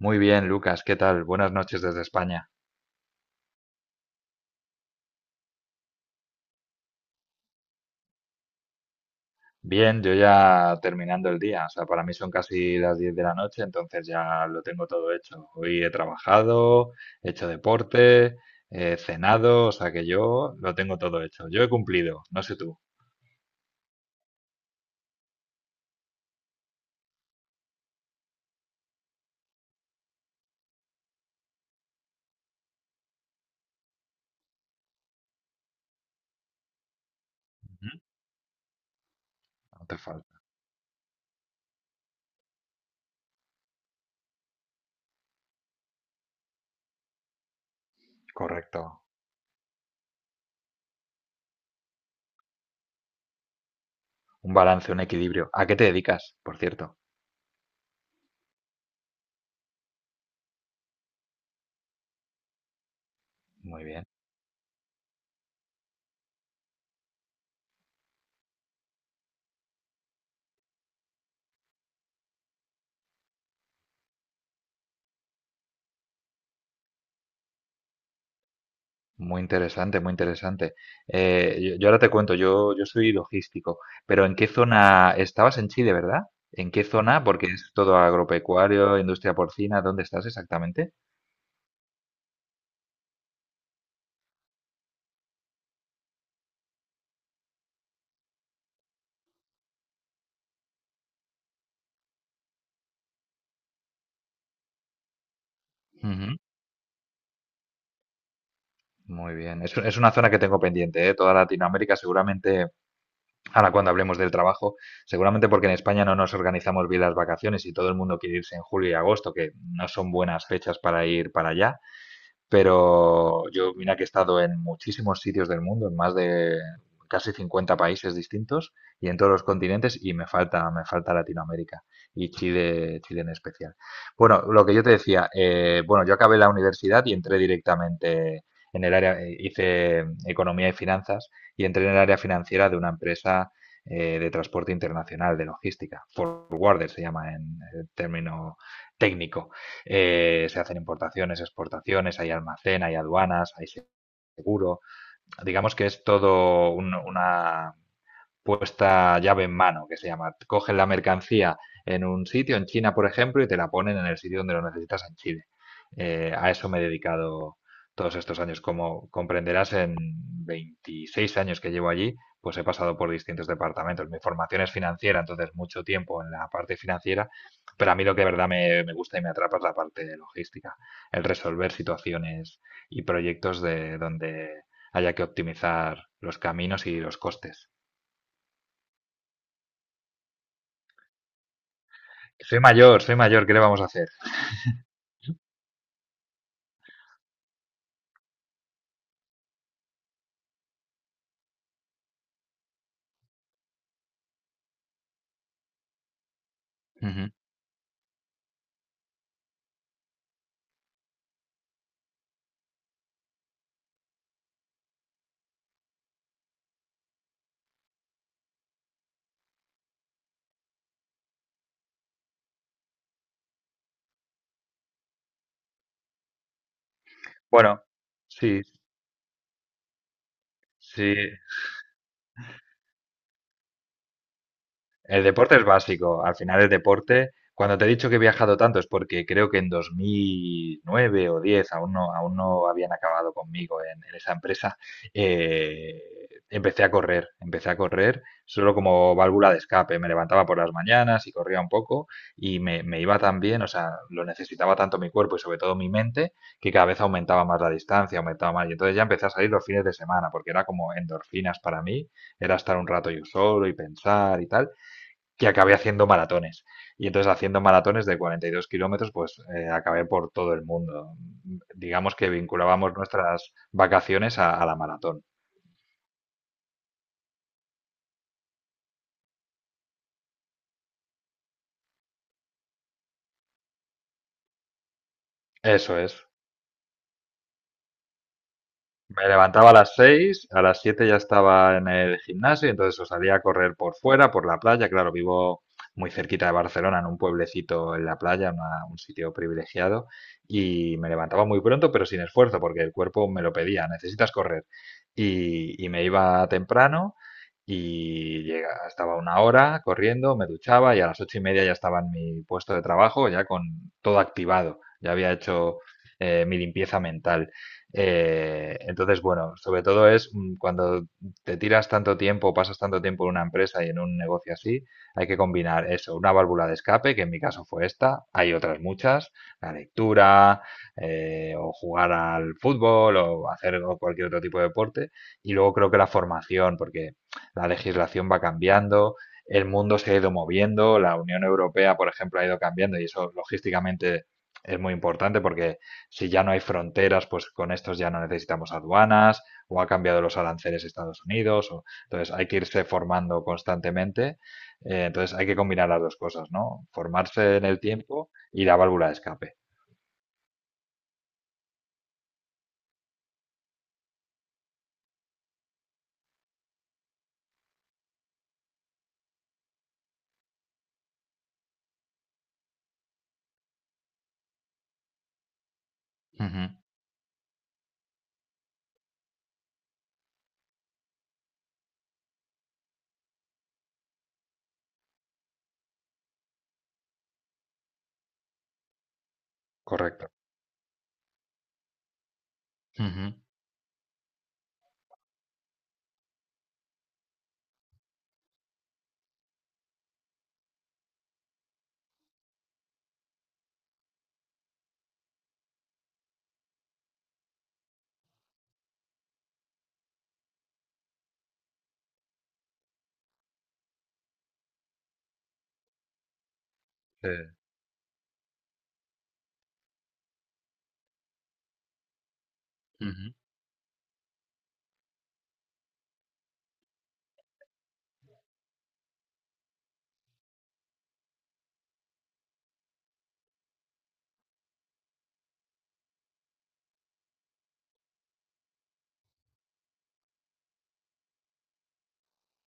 Muy bien, Lucas, ¿qué tal? Buenas noches desde España. Bien, yo ya terminando el día, o sea, para mí son casi las 10 de la noche, entonces ya lo tengo todo hecho. Hoy he trabajado, he hecho deporte, he cenado, o sea que yo lo tengo todo hecho. Yo he cumplido, no sé tú. Ujú. No te falta. Correcto. Un balance, un equilibrio. ¿A qué te dedicas, por cierto? Muy bien. Muy interesante, muy interesante. Yo ahora te cuento, yo soy logístico. Pero ¿en qué zona estabas en Chile, verdad? ¿En qué zona? Porque es todo agropecuario, industria porcina, ¿dónde estás exactamente? Ujú. Muy bien, es una zona que tengo pendiente, ¿eh? Toda Latinoamérica seguramente, ahora cuando hablemos del trabajo, seguramente porque en España no nos organizamos bien las vacaciones y todo el mundo quiere irse en julio y agosto, que no son buenas fechas para ir para allá. Pero yo, mira que he estado en muchísimos sitios del mundo, en más de casi 50 países distintos y en todos los continentes, y me falta Latinoamérica, y Chile, Chile en especial. Bueno, lo que yo te decía, bueno, yo acabé la universidad y entré directamente en el área, hice economía y finanzas y entré en el área financiera de una empresa, de transporte internacional, de logística, forwarder se llama en término técnico. Se hacen importaciones, exportaciones, hay almacén, hay aduanas, hay seguro. Digamos que es todo una puesta llave en mano, que se llama. Cogen la mercancía en un sitio, en China, por ejemplo, y te la ponen en el sitio donde lo necesitas en Chile. A eso me he dedicado todos estos años. Como comprenderás, en 26 años que llevo allí, pues he pasado por distintos departamentos. Mi formación es financiera, entonces mucho tiempo en la parte financiera, pero a mí lo que de verdad me gusta y me atrapa es la parte de logística, el resolver situaciones y proyectos de donde haya que optimizar los caminos y los costes. Soy mayor, ¿qué le vamos a hacer? Ujú. Bueno, sí, sí. El deporte es básico. Al final el deporte, cuando te he dicho que he viajado tanto, es porque creo que en 2009 o 10 aún no habían acabado conmigo en esa empresa. eh, Empecé a correr, empecé a correr solo como válvula de escape. Me levantaba por las mañanas y corría un poco, y me iba tan bien, o sea, lo necesitaba tanto mi cuerpo y sobre todo mi mente, que cada vez aumentaba más la distancia, aumentaba más, y entonces ya empecé a salir los fines de semana porque era como endorfinas para mí, era estar un rato yo solo y pensar y tal, y acabé haciendo maratones. Y entonces, haciendo maratones de 42 kilómetros, pues acabé por todo el mundo. Digamos que vinculábamos nuestras vacaciones a la maratón. Eso es. Me levantaba a las 6, a las 7 ya estaba en el gimnasio, entonces o salía a correr por fuera, por la playa. Claro, vivo muy cerquita de Barcelona, en un pueblecito en la playa, un sitio privilegiado, y me levantaba muy pronto, pero sin esfuerzo, porque el cuerpo me lo pedía, necesitas correr. Y me iba temprano y llega, estaba una hora corriendo, me duchaba, y a las 8:30 ya estaba en mi puesto de trabajo, ya con todo activado, ya había hecho mi limpieza mental. Entonces, bueno, sobre todo es, cuando te tiras tanto tiempo, pasas tanto tiempo en una empresa y en un negocio así, hay que combinar eso, una válvula de escape, que en mi caso fue esta. Hay otras muchas, la lectura, o jugar al fútbol, o hacer cualquier otro tipo de deporte. Y luego creo que la formación, porque la legislación va cambiando, el mundo se ha ido moviendo, la Unión Europea, por ejemplo, ha ido cambiando, y eso logísticamente es muy importante, porque si ya no hay fronteras, pues con estos ya no necesitamos aduanas, o ha cambiado los aranceles de Estados Unidos. O, entonces, hay que irse formando constantemente. Entonces hay que combinar las dos cosas, ¿no? Formarse en el tiempo y la válvula de escape. Ujú. Correcto. Ujú. Sí, ujú.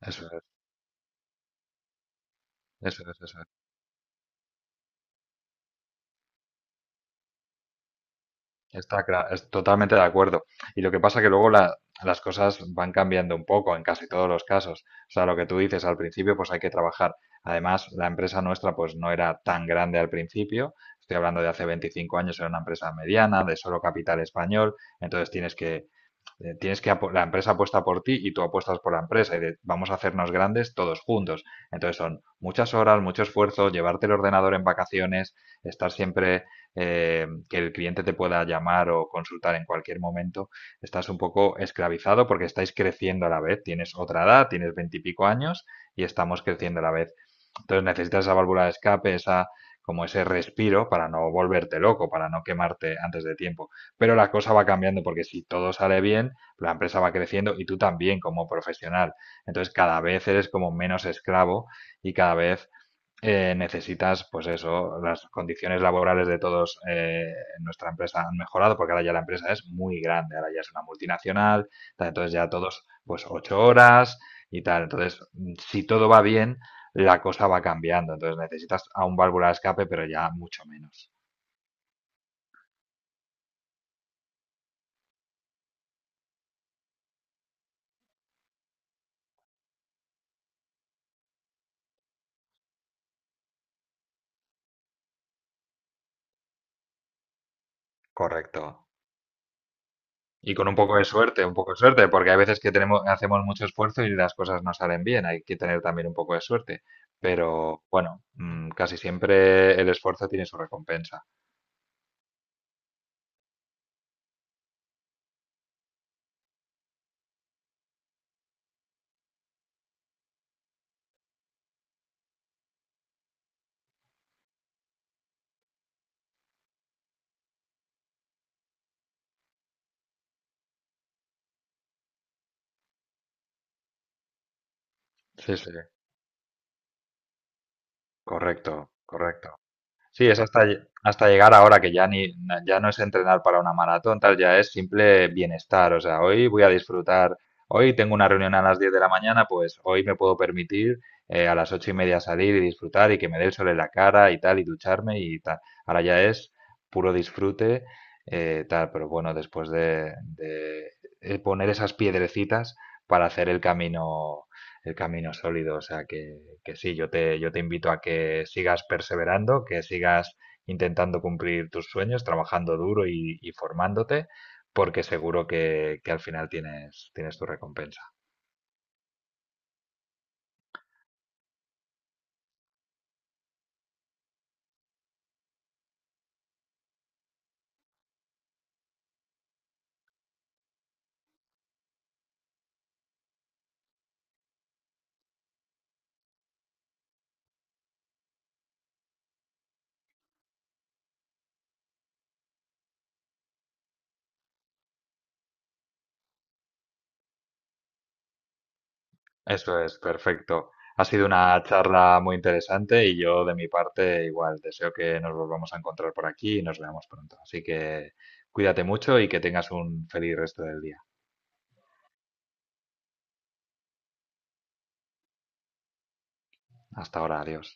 Eso es, eso es, eso es. Es totalmente de acuerdo. Y lo que pasa que luego las cosas van cambiando un poco en casi todos los casos. O sea, lo que tú dices, al principio pues hay que trabajar. Además, la empresa nuestra pues no era tan grande al principio. Estoy hablando de hace 25 años, era una empresa mediana, de solo capital español. Entonces tienes que la empresa apuesta por ti y tú apuestas por la empresa, y vamos a hacernos grandes todos juntos. Entonces son muchas horas, mucho esfuerzo, llevarte el ordenador en vacaciones, estar siempre, que el cliente te pueda llamar o consultar en cualquier momento. Estás un poco esclavizado porque estáis creciendo a la vez. Tienes otra edad, tienes veintipico años y estamos creciendo a la vez. Entonces necesitas esa válvula de escape, esa, como ese respiro, para no volverte loco, para no quemarte antes de tiempo. Pero la cosa va cambiando, porque si todo sale bien, la empresa va creciendo y tú también como profesional. Entonces cada vez eres como menos esclavo, y cada vez necesitas, pues eso, las condiciones laborales de todos, en nuestra empresa, han mejorado, porque ahora ya la empresa es muy grande, ahora ya es una multinacional, tal. Entonces ya todos, pues 8 horas y tal. Entonces, si todo va bien, la cosa va cambiando. Entonces necesitas a un válvula de escape, pero ya mucho menos. Correcto. Y con un poco de suerte, un poco de suerte, porque hay veces que tenemos, hacemos mucho esfuerzo y las cosas no salen bien. Hay que tener también un poco de suerte. Pero bueno, casi siempre el esfuerzo tiene su recompensa. Sí, sí, correcto, correcto. Sí, es hasta, hasta llegar ahora que ya ni na- ya no es entrenar para una maratón, tal, ya es simple bienestar. O sea, hoy voy a disfrutar, hoy tengo una reunión a las 10 de la mañana, pues hoy me puedo permitir a las 8:30 salir y disfrutar y que me dé el sol en la cara y tal, y ducharme y tal. Ahora ya es puro disfrute, tal, pero bueno, después de poner esas piedrecitas para hacer el camino sólido. O sea que sí, yo te invito a que sigas perseverando, que sigas intentando cumplir tus sueños, trabajando duro y formándote, porque seguro que al final tienes, tienes tu recompensa. Eso es, perfecto. Ha sido una charla muy interesante y yo de mi parte igual deseo que nos volvamos a encontrar por aquí y nos veamos pronto. Así que cuídate mucho y que tengas un feliz resto del día. Hasta ahora, adiós.